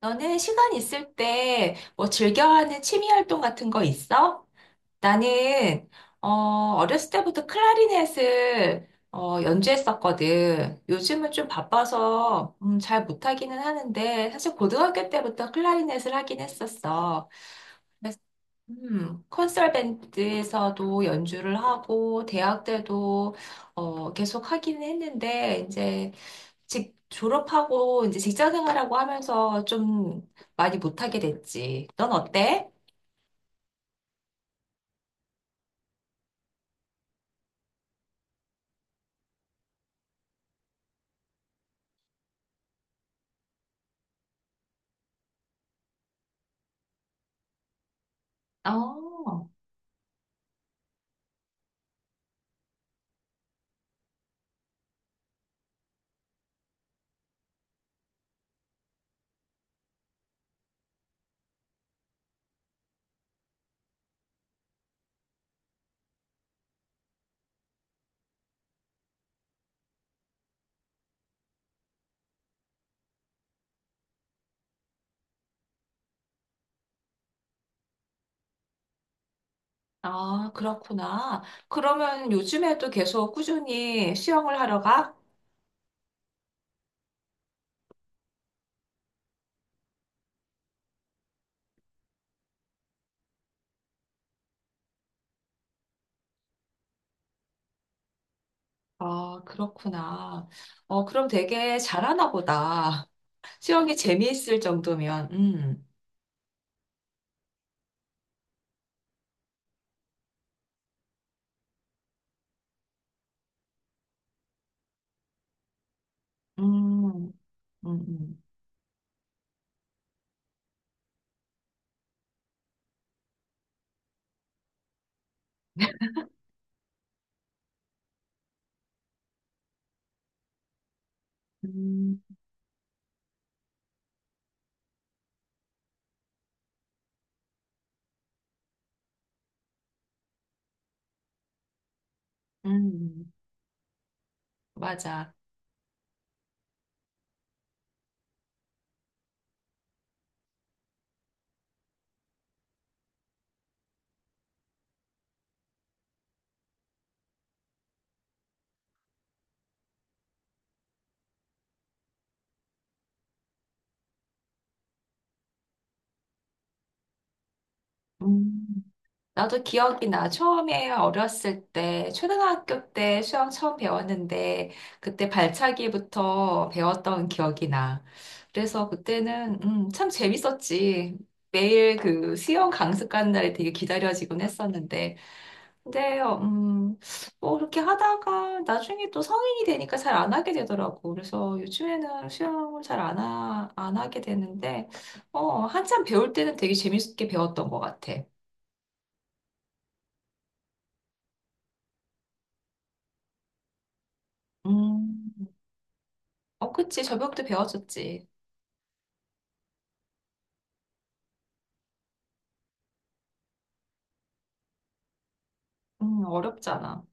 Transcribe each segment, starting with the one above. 너는 시간 있을 때 뭐 즐겨하는 취미 활동 같은 거 있어? 나는 어, 어렸을 때부터 클라리넷을 연주했었거든. 요즘은 좀 바빠서 잘 못하기는 하는데 사실 고등학교 때부터 클라리넷을 하긴 했었어. 그래서, 콘서트 밴드에서도 연주를 하고 대학 때도 계속 하기는 했는데 이제 졸업하고 이제 직장 생활하고 하면서 좀 많이 못하게 됐지. 넌 어때? 어, 아, 그렇구나. 그러면 요즘에도 계속 꾸준히 수영을 하러 가? 아, 그렇구나. 어, 그럼 되게 잘하나 보다. 수영이 재미있을 정도면, 음, 음, 음, 음, 음, 맞아. 음. 나도 기억이 나. 처음에 어렸을 때, 초등학교 때 수영 처음 배웠는데, 그때 발차기부터 배웠던 기억이 나. 그래서 그때는, 참 재밌었지. 매일 그 수영 강습 가는 날이 되게 기다려지곤 했었는데. 근데, 뭐, 그렇게 하다가 나중에 또 성인이 되니까 잘 안 하게 되더라고. 그래서 요즘에는 수영을 잘 안 하, 안 하게 되는데, 한참 배울 때는 되게 재밌게 배웠던 것 같아. 음. 어, 그치. 접영도 배워줬지. 어렵잖아.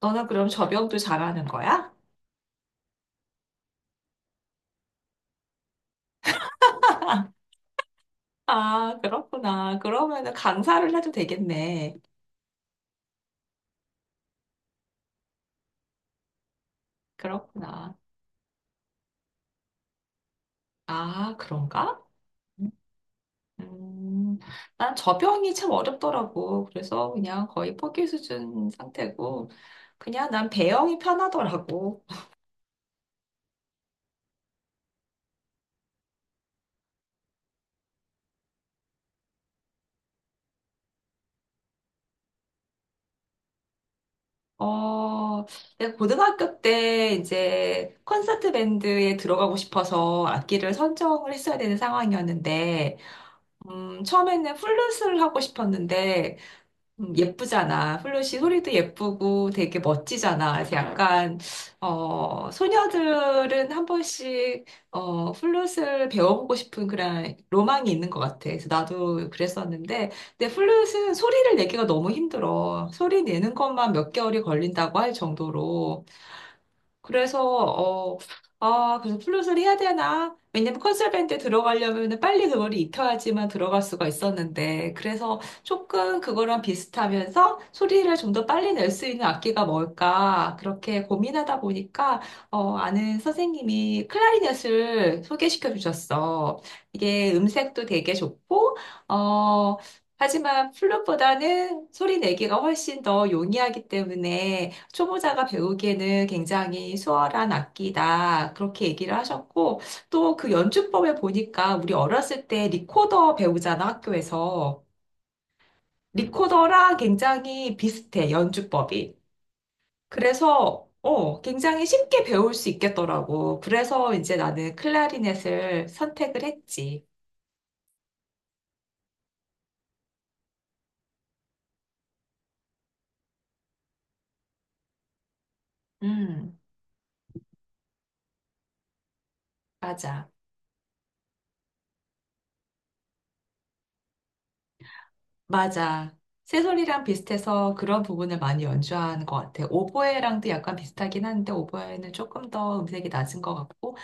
너는 그럼 접영도 잘하는 거야? 아, 그렇구나. 그러면은 강사를 해도 되겠네. 그렇구나. 아, 그런가? 음, 난 접영이 참 어렵더라고. 그래서 그냥 거의 포기 수준 상태고, 그냥 난 배영이 편하더라고. 어, 내가 고등학교 때 이제 콘서트 밴드에 들어가고 싶어서 악기를 선정을 했어야 되는 상황이었는데, 처음에는 플룻을 하고 싶었는데, 예쁘잖아. 플룻이 소리도 예쁘고 되게 멋지잖아. 그래서 약간, 소녀들은 한 번씩, 플룻을 배워보고 싶은 그런 로망이 있는 것 같아. 그래서 나도 그랬었는데, 근데 플룻은 소리를 내기가 너무 힘들어. 소리 내는 것만 몇 개월이 걸린다고 할 정도로. 그래서 어, 아, 그래서 플룻을 해야 되나? 왜냐면 컨설밴드 들어가려면 빨리 그걸 익혀야지만 들어갈 수가 있었는데, 그래서 조금 그거랑 비슷하면서 소리를 좀 더 빨리 낼 수 있는 악기가 뭘까? 그렇게 고민하다 보니까, 아는 선생님이 클라리넷을 소개시켜 주셨어. 이게 음색도 되게 좋고, 어, 하지만 플룻보다는 소리 내기가 훨씬 더 용이하기 때문에 초보자가 배우기에는 굉장히 수월한 악기다. 그렇게 얘기를 하셨고, 또 그 연주법에 보니까 우리 어렸을 때 리코더 배우잖아, 학교에서. 리코더랑 굉장히 비슷해, 연주법이. 그래서, 굉장히 쉽게 배울 수 있겠더라고. 그래서 이제 나는 클라리넷을 선택을 했지. 음, 맞아. 맞아. 새소리랑 비슷해서 그런 부분을 많이 연주하는 것 같아. 오보에랑도 약간 비슷하긴 한데 오보에는 조금 더 음색이 낮은 것 같고,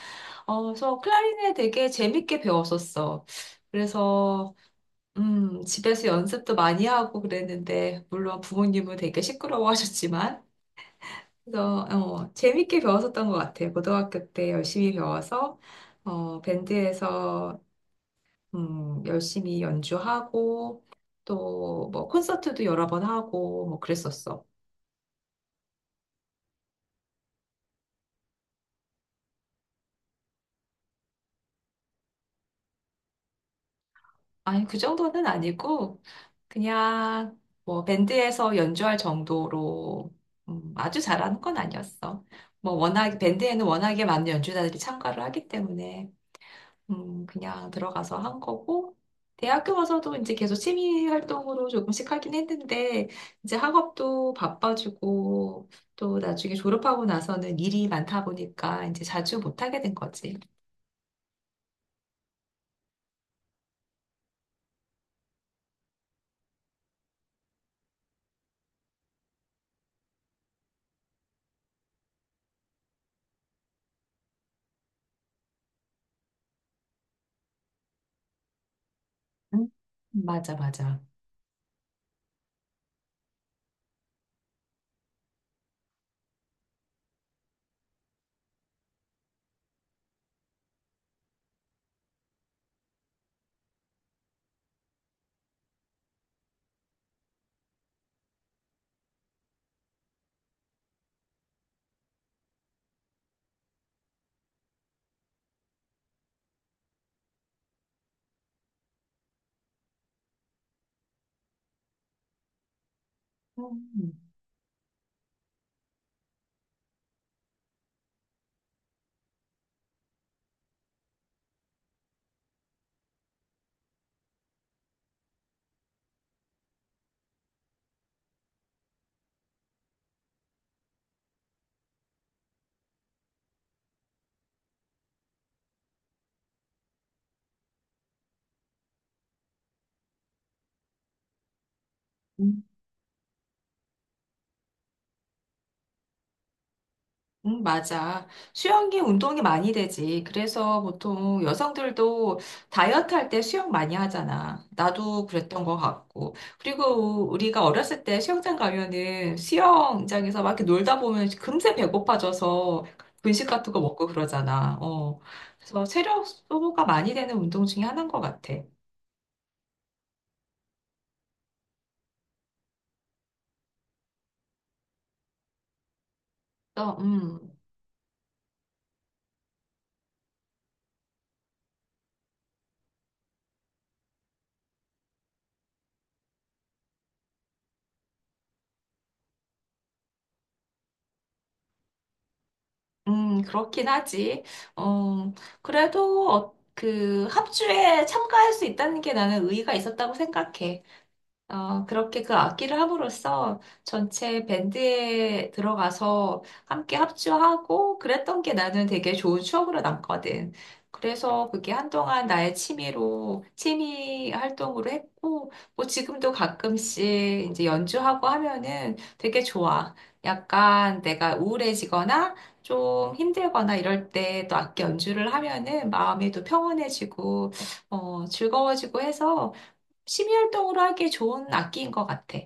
그래서 클라리넷 되게 재밌게 배웠었어. 그래서 집에서 연습도 많이 하고 그랬는데 물론 부모님은 되게 시끄러워하셨지만, 재밌게 배웠었던 것 같아. 고등학교 때 열심히 배워서 밴드에서 열심히 연주하고 또 뭐 콘서트도 여러 번 하고 뭐 그랬었어. 아니, 그 정도는 아니고 그냥 뭐 밴드에서 연주할 정도로 아주 잘하는 건 아니었어. 뭐 워낙 밴드에는 워낙에 많은 연주자들이 참가를 하기 때문에 그냥 들어가서 한 거고, 대학교 와서도 이제 계속 취미 활동으로 조금씩 하긴 했는데, 이제 학업도 바빠지고, 또 나중에 졸업하고 나서는 일이 많다 보니까 이제 자주 못하게 된 거지. 응? 맞아, 맞아. 음. 맞아. 수영이 운동이 많이 되지. 그래서 보통 여성들도 다이어트 할 때 수영 많이 하잖아. 나도 그랬던 것 같고. 그리고 우리가 어렸을 때 수영장 가면은 수영장에서 막 이렇게 놀다 보면 금세 배고파져서 분식 같은 거 먹고 그러잖아. 어. 그래서 체력 소모가 많이 되는 운동 중에 하나인 것 같아. 또, 그렇긴 하지. 어, 그래도 그 합주에 참가할 수 있다는 게 나는 의의가 있었다고 생각해. 그렇게 그 악기를 함으로써 전체 밴드에 들어가서 함께 합주하고 그랬던 게 나는 되게 좋은 추억으로 남거든. 그래서 그게 한동안 취미 활동으로 했고, 뭐 지금도 가끔씩 이제 연주하고 하면은 되게 좋아. 약간 내가 우울해지거나 좀 힘들거나 이럴 때 또 악기 연주를 하면은 마음이 또 평온해지고, 즐거워지고 해서 취미 활동으로 하기에 좋은 악기인 것 같아.